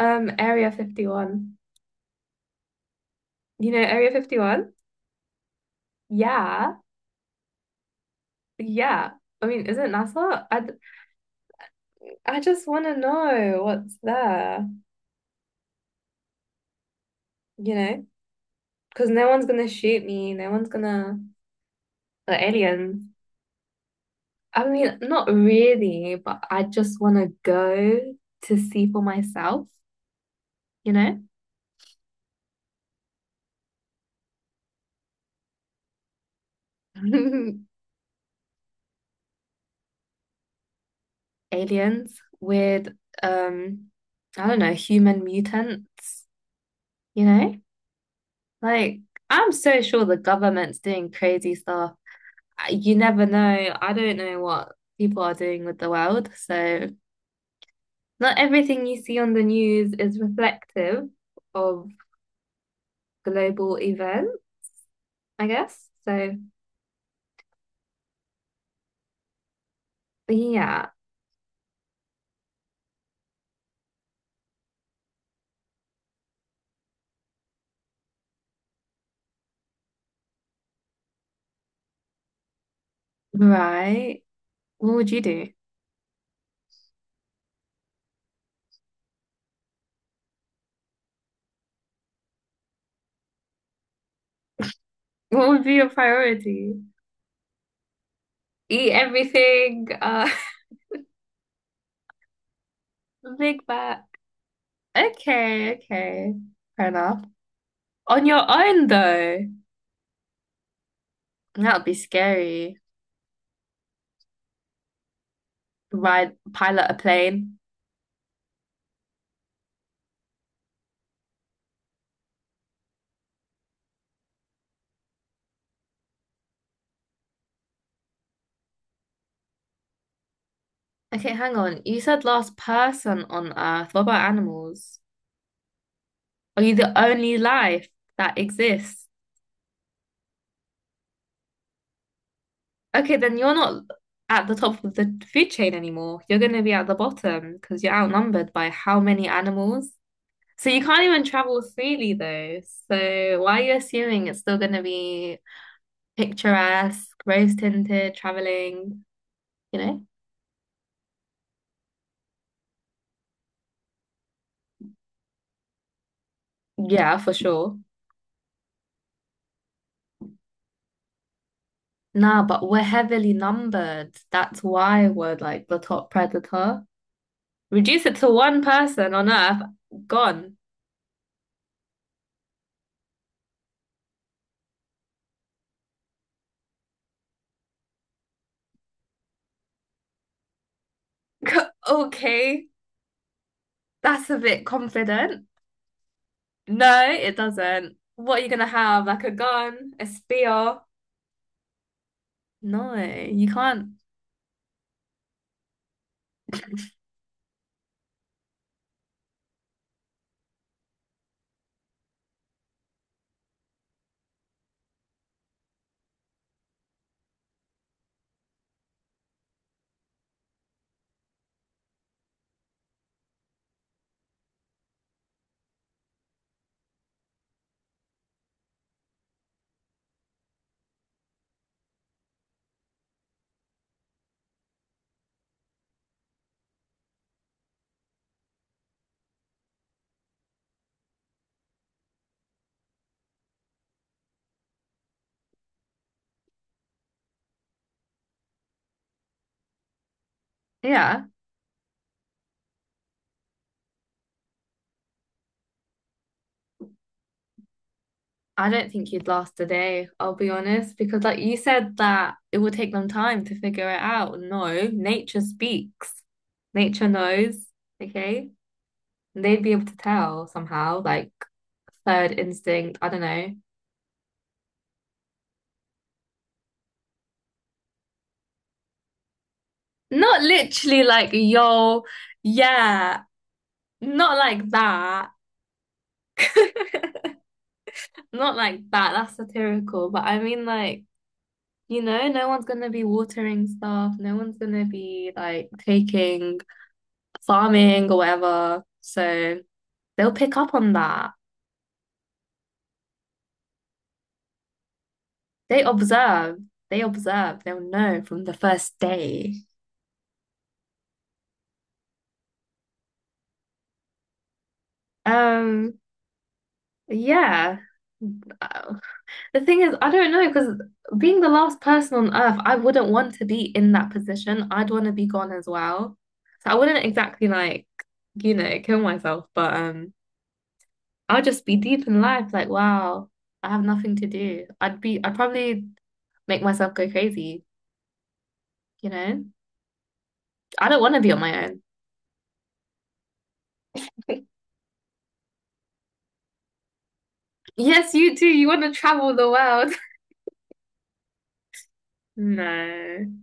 Area 51. You know Area 51? Yeah. Yeah. I mean, is it NASA? I just want to know what's there, you know? Because no one's gonna shoot me, no one's gonna, the aliens. I mean, not really, but I just want to go to see for myself, you know? Aliens with, um, I don't know, human mutants, you know? Like, I'm so sure the government's doing crazy stuff you never know. I don't know what people are doing with the world. So, not everything you see on the news is reflective of global events, I guess. So, yeah, right. What would you do? What would be your priority? Eat everything, big back. Okay, okay. Fair enough. On your own, though, that would be scary. Ride, pilot a plane. Okay, hang on. You said last person on Earth. What about animals? Are you the only life that exists? Okay, then you're not at the top of the food chain anymore. You're going to be at the bottom because you're outnumbered by how many animals? So you can't even travel freely, though. So why are you assuming it's still going to be picturesque, rose-tinted traveling, you know? Yeah, for sure. Nah, but we're heavily numbered. That's why we're like the top predator. Reduce it to one person on Earth, gone. Okay, that's a bit confident. No, it doesn't. What are you gonna have? Like a gun, a spear? No, you can't. Yeah, I don't think you'd last a day, I'll be honest, because like you said that it would take them time to figure it out. No, nature speaks. Nature knows, okay? And they'd be able to tell somehow, like third instinct, I don't know. Not literally like, yo, yeah, not like that. Not like that, that's satirical. But I mean, like, you know, no one's gonna be watering stuff, no one's gonna be like taking farming or whatever. So they'll pick up on that. They observe, they'll know from the first day. Um, yeah. Uh, the thing is, I don't know because being the last person on earth, I wouldn't want to be in that position. I'd want to be gone as well. So I wouldn't exactly like, you know, kill myself, but I'll just be deep in life. Like, wow, I have nothing to do. I'd probably make myself go crazy. You know, I don't want to be on my own. Yes, you do. You want to travel the world. No.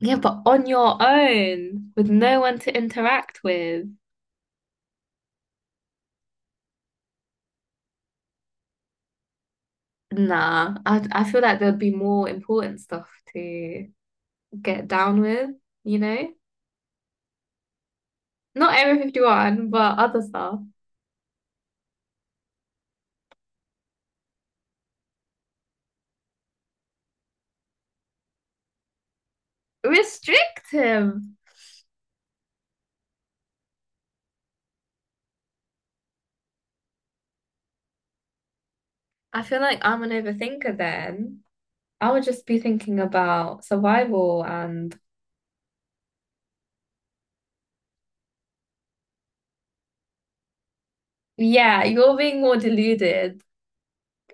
Yeah, but on your own with no one to interact with. Nah, I feel like there'd be more important stuff to get down with, you know? Not Area 51, but other stuff. Restrict him. I feel like I'm an overthinker then. I would just be thinking about survival and yeah, you're being more deluded.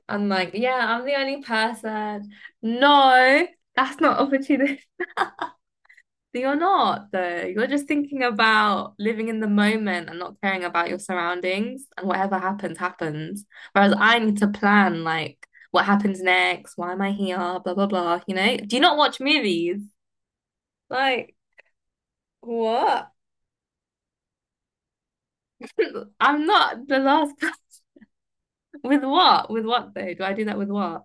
I'm like, yeah, I'm the only person. No, that's not opportunity. You're not, though. You're just thinking about living in the moment and not caring about your surroundings, and whatever happens, happens. Whereas I need to plan, like, what happens next? Why am I here? Blah, blah, blah. You know? Do you not watch movies? Like, what? I'm not the last person. With what? With what, though? Do I do that with what?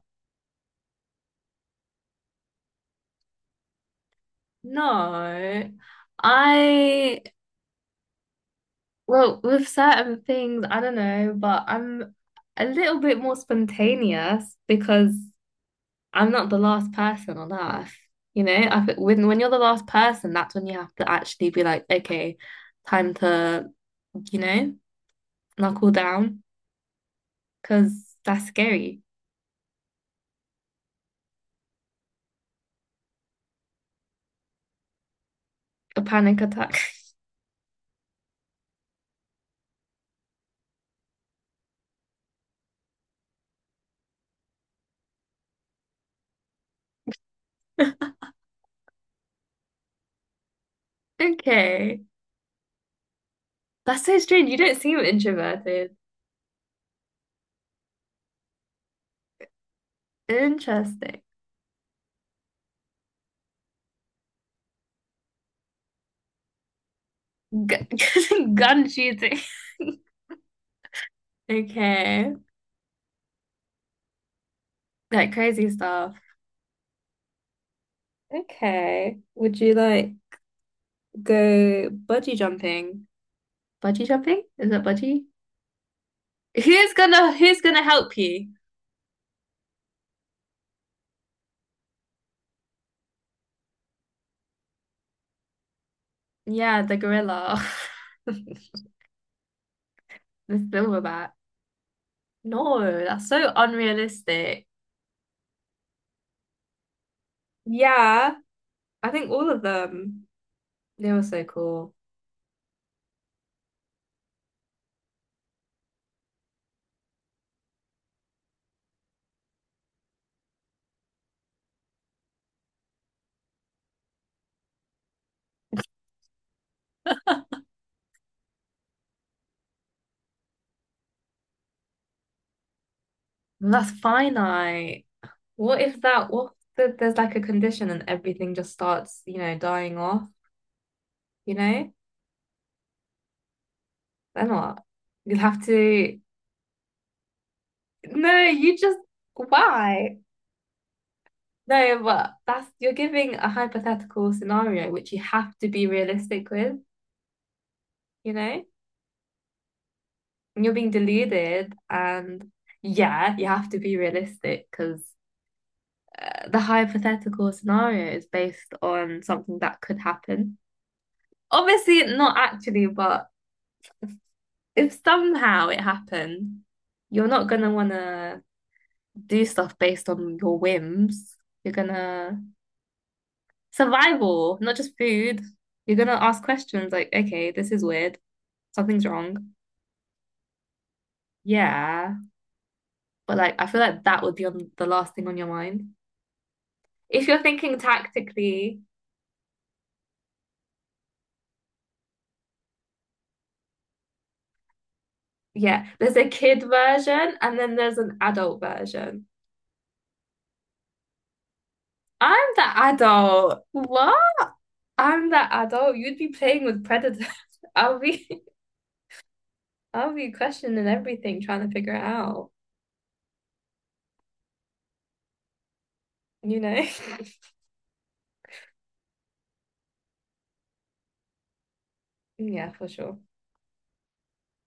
No. I, well, with certain things, I don't know, but I'm a little bit more spontaneous because. I'm not the last person on earth. You know, I, think when you're the last person, that's when you have to actually be like, okay, time to, you know, knuckle down because that's scary. A panic attack. Okay. That's so strange. You don't seem introverted. Interesting. Gu- gun shooting. Okay. Like crazy stuff. Okay. Would you like go bungee jumping? Bungee jumping? Is that bungee? Who's gonna help you? Yeah, the gorilla. The silverback. No, that's so unrealistic. Yeah, I think all of them. They were so cool. That's finite. What if there's like a condition and everything just starts, you know, dying off, you know? Then what? You'll have to no, you just why? No, but that's you're giving a hypothetical scenario which you have to be realistic with, you know? You're being deluded and yeah you have to be realistic because the hypothetical scenario is based on something that could happen obviously not actually but if somehow it happened you're not gonna wanna do stuff based on your whims you're gonna survival not just food you're gonna ask questions like okay this is weird something's wrong yeah but like I feel like that would be on the last thing on your mind. If you're thinking tactically, yeah, there's a kid version and then there's an adult version. I'm the adult. What? I'm the adult. You'd be playing with predators. I'll be I'll be questioning everything, trying to figure it out, you know? Yeah, for sure.